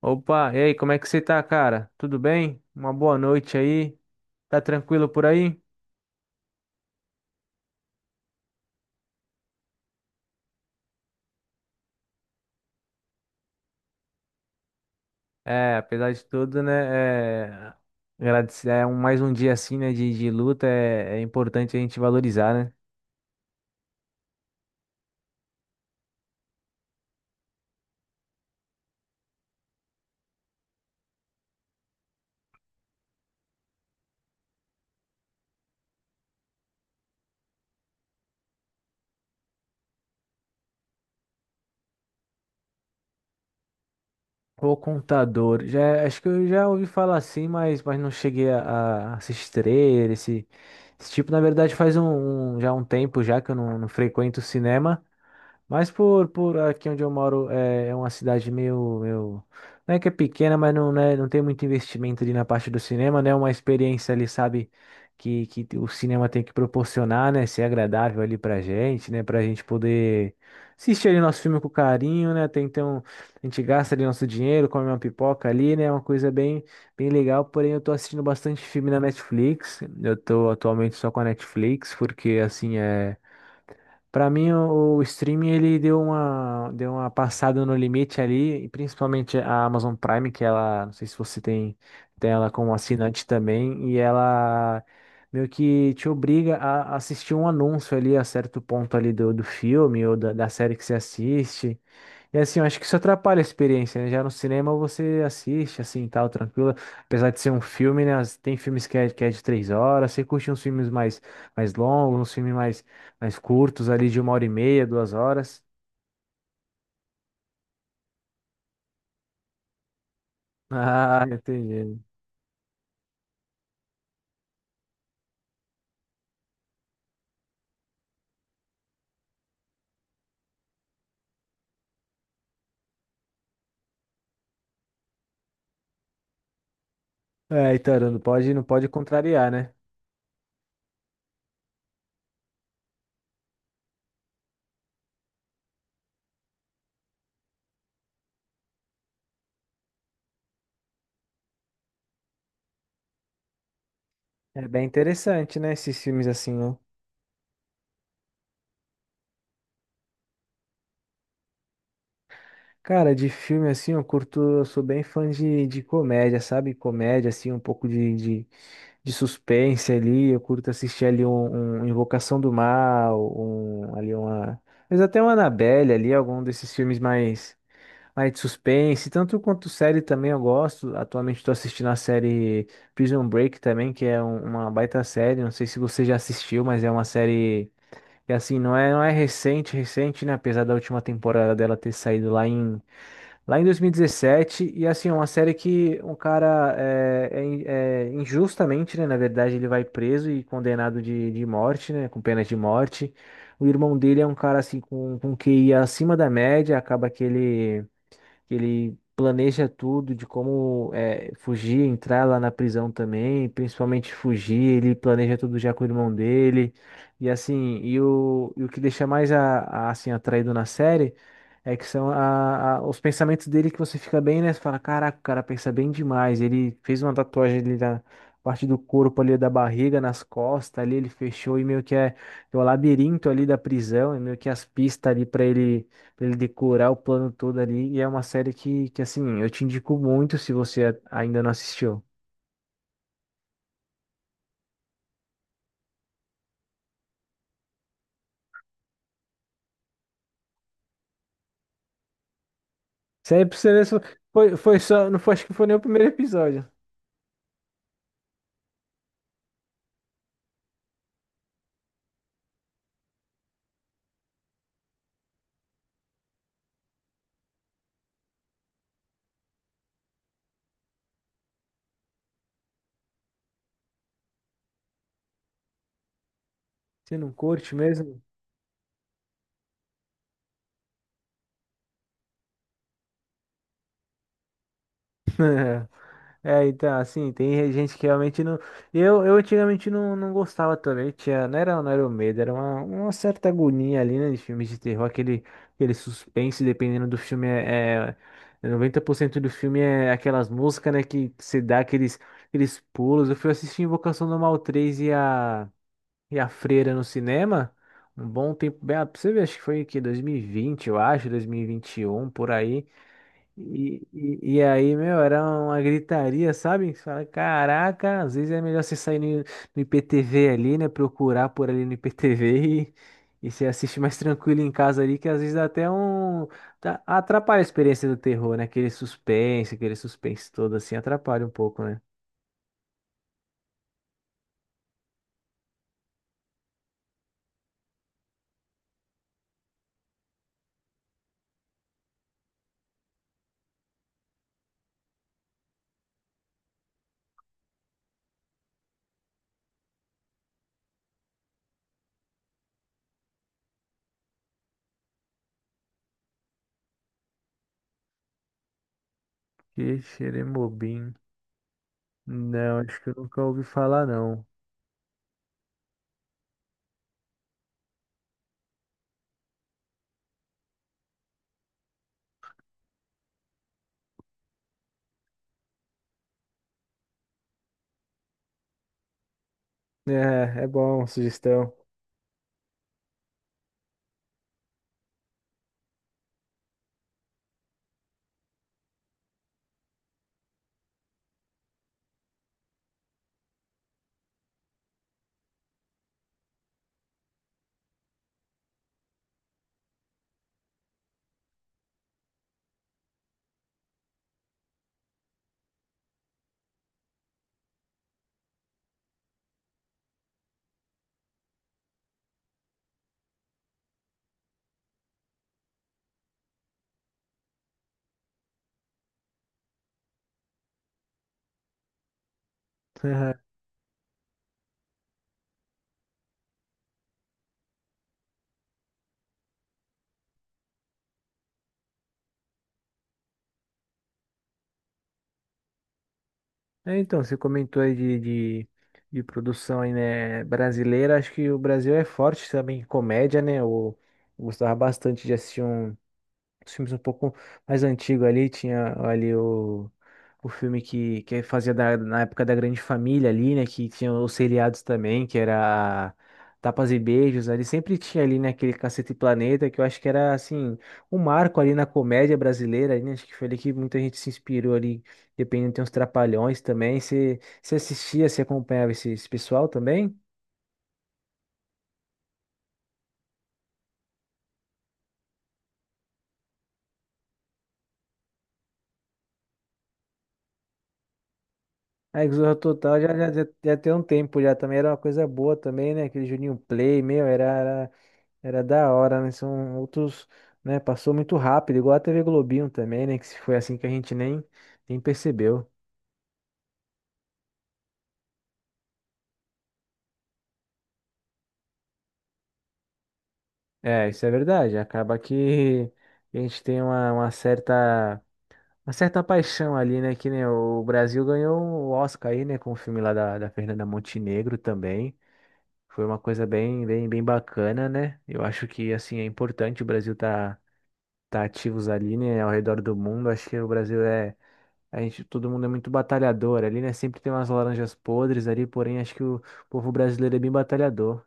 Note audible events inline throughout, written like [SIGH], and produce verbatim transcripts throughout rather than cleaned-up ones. Opa, e aí, como é que você tá, cara? Tudo bem? Uma boa noite aí. Tá tranquilo por aí? É, apesar de tudo, né? É, agradecer, é um, mais um dia assim, né? De, de luta, é, é importante a gente valorizar, né? O Contador, já, acho que eu já ouvi falar assim, mas, mas não cheguei a, a assistir ele, esse, esse tipo, na verdade, faz um, um- já um tempo já que eu não, não frequento o cinema. Mas por, por aqui onde eu moro é, é uma cidade meio, meio. Não é que é pequena, mas não, né, não tem muito investimento ali na parte do cinema, né? é uma experiência ali, sabe, que, que o cinema tem que proporcionar, né? Ser agradável ali pra gente, né? Pra gente poder assistir ali nosso filme com carinho, né? até então, a gente gasta ali nosso dinheiro, come uma pipoca ali, né? É uma coisa bem, bem legal. Porém, eu tô assistindo bastante filme na Netflix. Eu tô atualmente só com a Netflix, porque assim é. Para mim, o, o streaming ele deu uma, deu uma passada no limite ali, e principalmente a Amazon Prime, que ela, não sei se você tem, tem ela como assinante também, e ela meio que te obriga a assistir um anúncio ali a certo ponto ali do, do filme ou da, da série que você assiste. E assim, eu acho que isso atrapalha a experiência, né? Já no cinema você assiste, assim, tal, tranquilo. Apesar de ser um filme, né? as- Tem filmes que é, que é de três horas. Você curte uns filmes mais, mais longos, uns filmes mais, mais curtos, ali de uma hora e meia, duas horas. [LAUGHS] Ah, entendi. É, então, não pode, não pode contrariar, né? É bem interessante, né? Esses filmes assim, né? Cara, de filme assim, eu curto, eu sou bem fã de, de comédia, sabe? Comédia, assim, um pouco de, de de suspense ali, eu curto assistir ali um, um Invocação do Mal, um, ali uma, mas até uma Annabelle ali, algum desses filmes mais mais de suspense, tanto quanto série também eu gosto. Atualmente estou assistindo a série Prison Break também, que é um- uma baita série, não sei se você já assistiu, mas é uma série que assim, não é não é recente, recente, né, apesar da última temporada dela ter saído lá lá em dois mil e dezessete. E dezessete. E assim, é uma série que um cara é, é in- é injustamente, né? Na verdade, ele vai preso e condenado de, de morte, né? Com pena de morte. O irmão dele é um cara assim com, com Q I acima da média, acaba que ele que ele planeja tudo de como é, fugir, entrar lá na prisão também, principalmente fugir, ele planeja tudo já com o irmão dele. E assim, e o, e o que deixa mais a, a, assim, atraído na série é que são a, a- os pensamentos dele que você fica bem, né? Você fala, caraca, o cara pensa bem demais. Ele fez uma tatuagem ali na parte do corpo ali da barriga, nas costas ali, ele fechou e meio que é, é o labirinto ali da prisão, e meio que as pistas ali para ele pra ele decorar o plano todo ali. E é uma série que, que assim, eu te indico muito se você a- ainda não assistiu. Isso aí pra você ver, só- foi, foi só, não foi, acho que foi nem o primeiro episódio. Você não curte mesmo? [LAUGHS] É, então, assim, tem gente que realmente não. Eu, eu antigamente não, não gostava também, tinha, não era, não era o medo, era uma, uma certa agonia ali, né, de filmes de terror, aquele, aquele suspense, dependendo do filme, é, é noventa por cento do filme é aquelas músicas, né, que você dá aqueles, aqueles pulos. Eu fui assistir Invocação do Mal três e a, e a Freira no cinema, um bom tempo, bem, ah, pra você ver, acho que foi que dois mil e vinte eu acho, dois mil e e vinte e um por aí. E, e, e aí, meu, era uma gritaria, sabe? Você fala, caraca, às vezes é melhor você sair no, no I P T V ali, né? Procurar por ali no I P T V [LAUGHS] e, e você assiste mais tranquilo em casa ali, que às vezes dá até um. tá- atrapalha a experiência do terror, né? Aquele suspense, aquele suspense todo assim, atrapalha um pouco, né? Que xeremobim. Não, acho que eu nunca ouvi falar, não. É, é bom, sugestão. [LAUGHS] É, então, você comentou aí de, de, de produção aí, né, brasileira. Acho que o Brasil é forte também em comédia, né? Eu, eu gostava bastante de assistir um os filmes um pouco mais antigos ali, tinha ali o, o filme que, que fazia da- na época da Grande Família ali, né? Que tinha os seriados também, que era Tapas e Beijos, ali sempre tinha ali, né, aquele Cacete Planeta, que eu acho que era assim, um marco ali na comédia brasileira, ali, né? Acho que foi ali que muita gente se inspirou ali, dependendo, tem uns Trapalhões também. Você você assistia, você acompanhava esse, esse pessoal também? A Exorra Total já, já, já, já tem um tempo já também, era uma coisa boa também, né? Aquele Juninho Play, meu, era. era. Era da hora, né? São outros, né? Passou muito rápido, igual a T V Globinho também, né? Que se foi assim que a gente nem, nem percebeu. É, isso é verdade. Acaba que a gente tem uma, uma certa, uma certa paixão ali, né? Que nem o Brasil ganhou o Oscar aí, né? Com o filme lá da, da Fernanda Montenegro também. Foi uma coisa bem, bem, bem bacana, né? Eu acho que, assim, é importante o Brasil tá, tá ativos ali, né? Ao redor do mundo. Acho que o Brasil é. A gente, todo mundo é muito batalhador ali, né? Sempre tem umas laranjas podres ali, porém acho que o povo brasileiro é bem batalhador.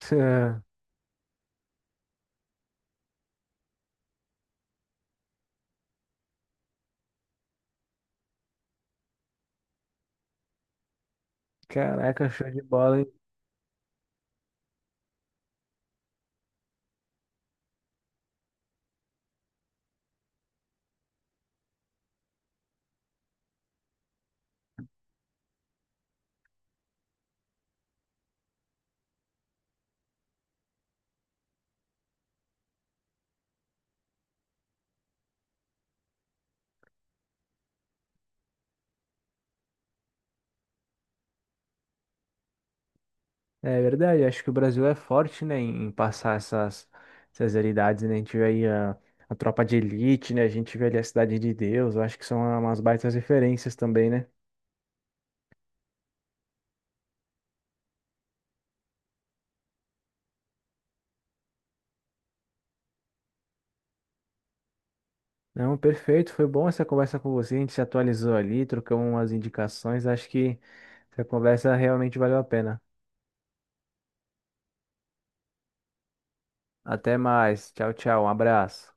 [LAUGHS] Caraca, show de bola, hein? É verdade, acho que o Brasil é forte, né, em passar essas, essas realidades, né? A gente vê aí a, a tropa de elite, né? A gente vê ali a Cidade de Deus, eu acho que são umas baitas referências também, né? Não, perfeito, foi bom essa conversa com você, a gente se atualizou ali, trocamos umas indicações, acho que essa conversa realmente valeu a pena. Até mais, tchau, tchau, um abraço.